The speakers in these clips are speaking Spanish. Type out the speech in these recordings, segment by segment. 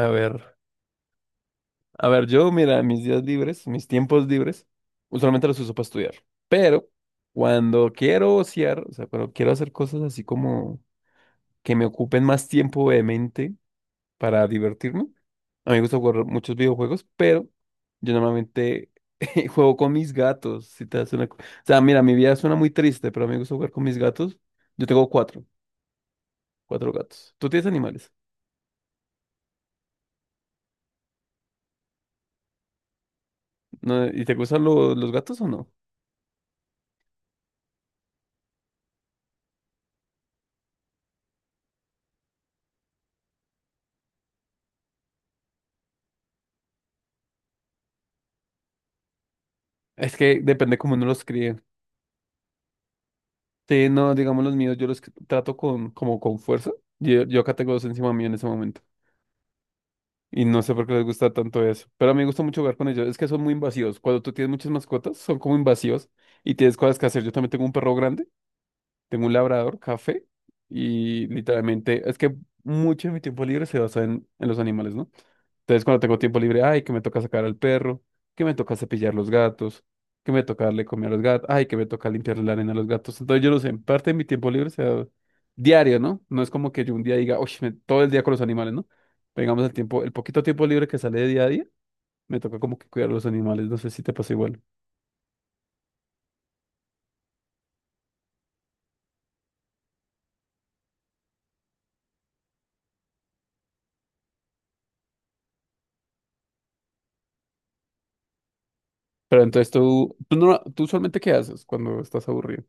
A ver, a ver, yo, mira, mis días libres, mis tiempos libres, usualmente los uso para estudiar, pero cuando quiero ociar, o sea, cuando quiero hacer cosas así como que me ocupen más tiempo de mente para divertirme, a mí me gusta jugar muchos videojuegos, pero yo normalmente juego con mis gatos, si te hace una... co- o sea, mira, mi vida suena muy triste, pero a mí me gusta jugar con mis gatos. Yo tengo cuatro gatos. ¿Tú tienes animales? ¿No? ¿Y te gustan los gatos o no? Es que depende cómo uno los críe. Sí, no, digamos los míos, yo los trato como con fuerza. Yo acá tengo dos encima mío en ese momento. Y no sé por qué les gusta tanto eso. Pero a mí me gusta mucho jugar con ellos. Es que son muy invasivos. Cuando tú tienes muchas mascotas, son como invasivos y tienes cosas que hacer. Yo también tengo un perro grande, tengo un labrador, café. Y literalmente, es que mucho de mi tiempo libre se basa en los animales, ¿no? Entonces, cuando tengo tiempo libre, ay, que me toca sacar al perro, que me toca cepillar los gatos, que me toca darle comida a los gatos, ay, que me toca limpiarle la arena a los gatos. Entonces, yo no sé, en parte de mi tiempo libre sea diario, ¿no? No es como que yo un día diga, oye, todo el día con los animales, ¿no? Pegamos el tiempo, el poquito tiempo libre que sale de día a día, me toca como que cuidar a los animales, no sé si te pasa igual. Pero entonces no, tú usualmente ¿qué haces cuando estás aburrido?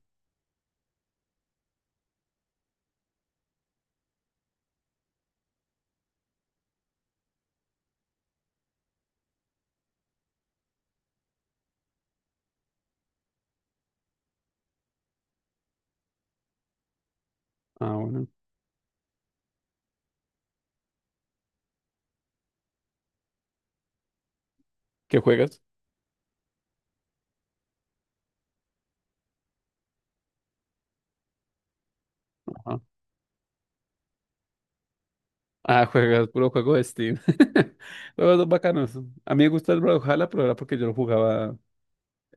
Ah, bueno, ¿qué juegas? Ah, juegas puro juego de Steam. Los dos bacanos. A mí me gusta el Brawlhalla, pero era porque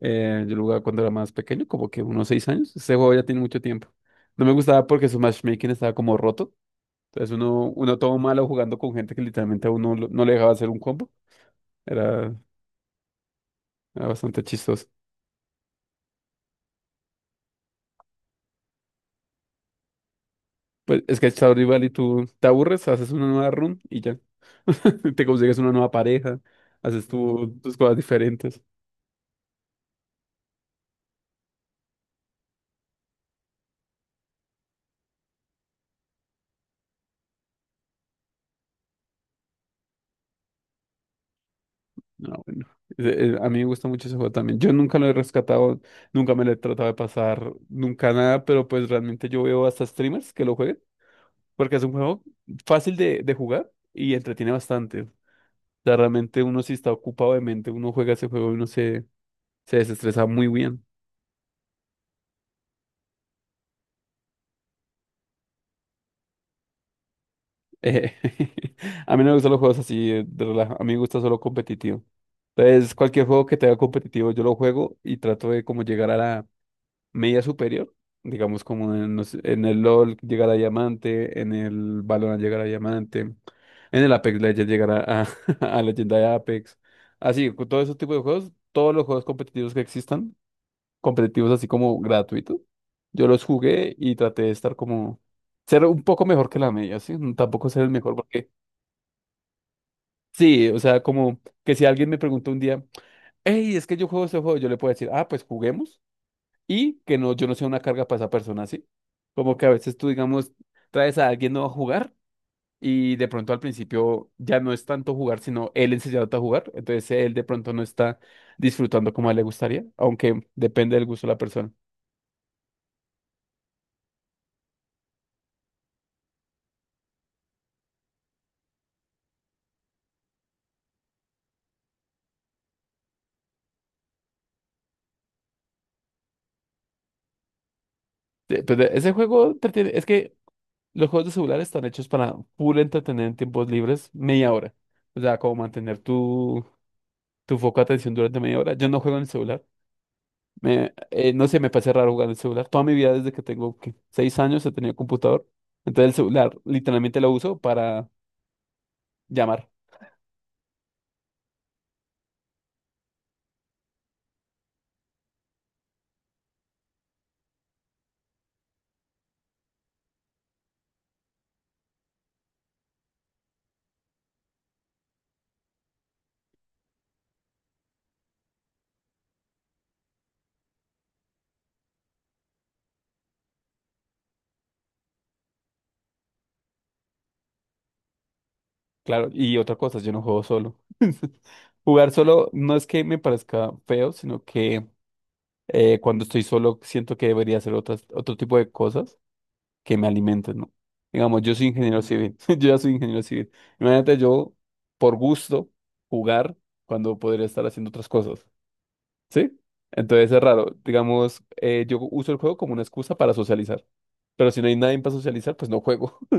yo lo jugaba cuando era más pequeño, como que unos 6 años. Ese juego ya tiene mucho tiempo. No me gustaba porque su matchmaking estaba como roto. Entonces uno todo malo jugando con gente que literalmente a uno no le dejaba hacer un combo. Era, era bastante chistoso. Pues es que está rival y tú te aburres, haces una nueva run y ya. Te consigues una nueva pareja, haces tus cosas diferentes. No bueno. A mí me gusta mucho ese juego también. Yo nunca lo he rescatado, nunca me lo he tratado de pasar, nunca nada, pero pues realmente yo veo hasta streamers que lo jueguen, porque es un juego fácil de jugar y entretiene bastante. O sea, realmente uno si está ocupado de mente, uno juega ese juego y uno se desestresa muy bien. Eh, a mí no me gustan los juegos así de relaja, a mí me gusta solo competitivo. Entonces, cualquier juego que tenga competitivo, yo lo juego y trato de como llegar a la media superior, digamos como en, no sé, en el LOL llegar a diamante, en el Valorant llegar a diamante, en el Apex Legends llegar a leyenda de Apex. Así, con todo ese tipo de juegos, todos los juegos competitivos que existan, competitivos así como gratuitos, yo los jugué y traté de estar como, ser un poco mejor que la media, ¿sí? No, tampoco ser el mejor porque... Sí, o sea, como que si alguien me pregunta un día, hey, es que yo juego ese juego, yo le puedo decir, ah, pues juguemos, y que no, yo no sea una carga para esa persona, ¿sí? Como que a veces tú, digamos, traes a alguien nuevo a jugar y de pronto al principio ya no es tanto jugar, sino él enseñándote a jugar, entonces él de pronto no está disfrutando como a él le gustaría, aunque depende del gusto de la persona. Pues, ese juego es que los juegos de celular están hechos para full entretener en tiempos libres media hora, o sea, como mantener tu foco de atención durante media hora. Yo no juego en el celular. No sé, me parece raro jugar el celular. Toda mi vida, desde que tengo ¿qué? 6 años, he tenido computador. Entonces el celular literalmente lo uso para llamar. Claro, y otra cosa, yo no juego solo. Jugar solo no es que me parezca feo, sino que cuando estoy solo siento que debería hacer otro tipo de cosas que me alimenten, ¿no? Digamos, yo soy ingeniero civil, yo ya soy ingeniero civil. Imagínate yo, por gusto, jugar cuando podría estar haciendo otras cosas. ¿Sí? Entonces es raro. Digamos, yo uso el juego como una excusa para socializar. Pero si no hay nadie para socializar, pues no juego.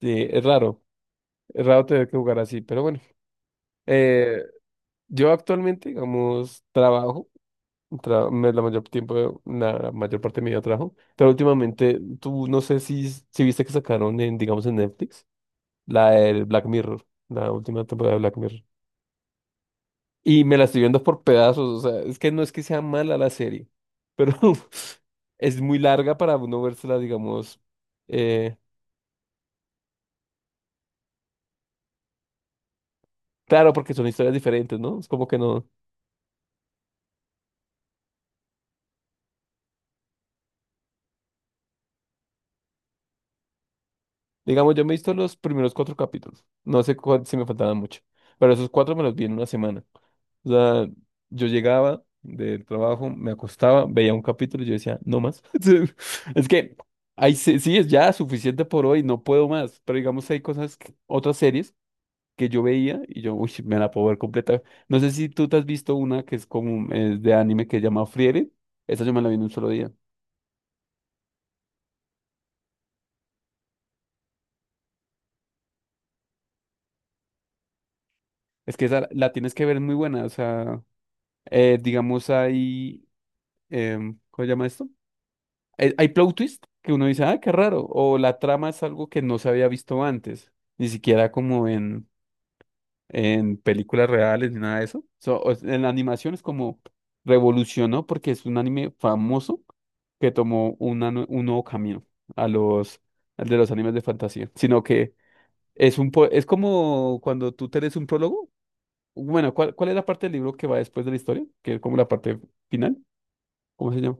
Sí, es raro. Es raro tener que jugar así, pero bueno. Eh, yo actualmente, digamos, trabajo. La mayor parte de mi vida trabajo. Pero últimamente, tú no sé si viste que sacaron en, digamos, en Netflix, la del Black Mirror, la última temporada de Black Mirror. Y me la estoy viendo por pedazos, o sea, es que no es que sea mala la serie, pero es muy larga para uno vérsela, digamos, eh, claro, porque son historias diferentes, ¿no? Es como que no, digamos, yo me he visto los primeros cuatro capítulos, no sé si me faltaban mucho, pero esos cuatro me los vi en una semana. O sea, yo llegaba del trabajo, me acostaba, veía un capítulo y yo decía, no más. Es que ahí sí, sí es ya suficiente por hoy, no puedo más, pero digamos, hay cosas, otras series, que yo veía y yo, uy, me la puedo ver completa. No sé si tú te has visto una que es como es de anime que se llama Frieren. Esa yo me la vi en un solo día. Es que esa la tienes que ver, es muy buena. O sea, digamos, ¿cómo se llama esto? Hay plot twist que uno dice, ah, qué raro. O la trama es algo que no se había visto antes. Ni siquiera como en películas reales ni nada de eso. En la animación es como revolucionó porque es un anime famoso que tomó un nuevo camino a los al de los animes de fantasía, sino que es como cuando tú te lees un prólogo. Bueno, ¿cuál es la parte del libro que va después de la historia? Que es como la parte final. ¿Cómo se llama?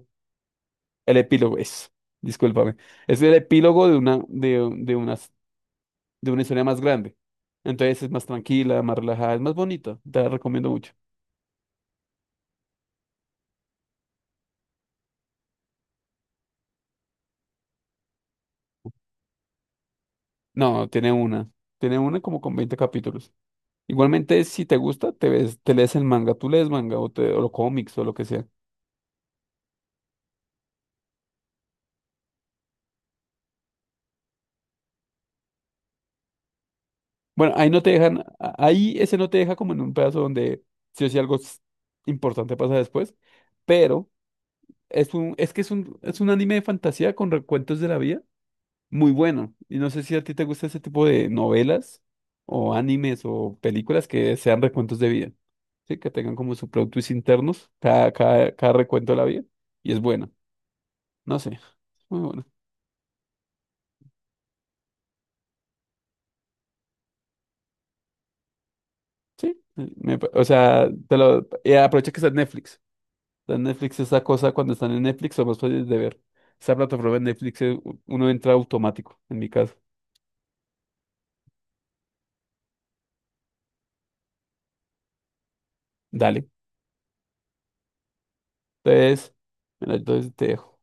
El epílogo es. Discúlpame. Es el epílogo de una de unas- de una historia más grande. Entonces es más tranquila, más relajada, es más bonita. Te la recomiendo mucho. No, tiene una. Tiene una como con 20 capítulos. Igualmente, si te gusta, te ves, te lees el manga. Tú lees manga o los cómics o lo que sea. Bueno, ahí no te dejan, ahí ese no te deja como en un pedazo donde sí o sí algo importante pasa después. Pero es un, es que es un anime de fantasía con recuentos de la vida muy bueno. Y no sé si a ti te gusta ese tipo de novelas o animes o películas que sean recuentos de vida. Sí, que tengan como su plot twist internos, cada recuento de la vida. Y es buena. No sé. Muy bueno. Sí. O sea, y aprovecha que está en Netflix. Está en Netflix esa cosa, cuando están en Netflix son más fáciles de ver. Esa plataforma de Netflix, uno entra automático, en mi caso. Dale. Entonces, bueno, entonces te dejo.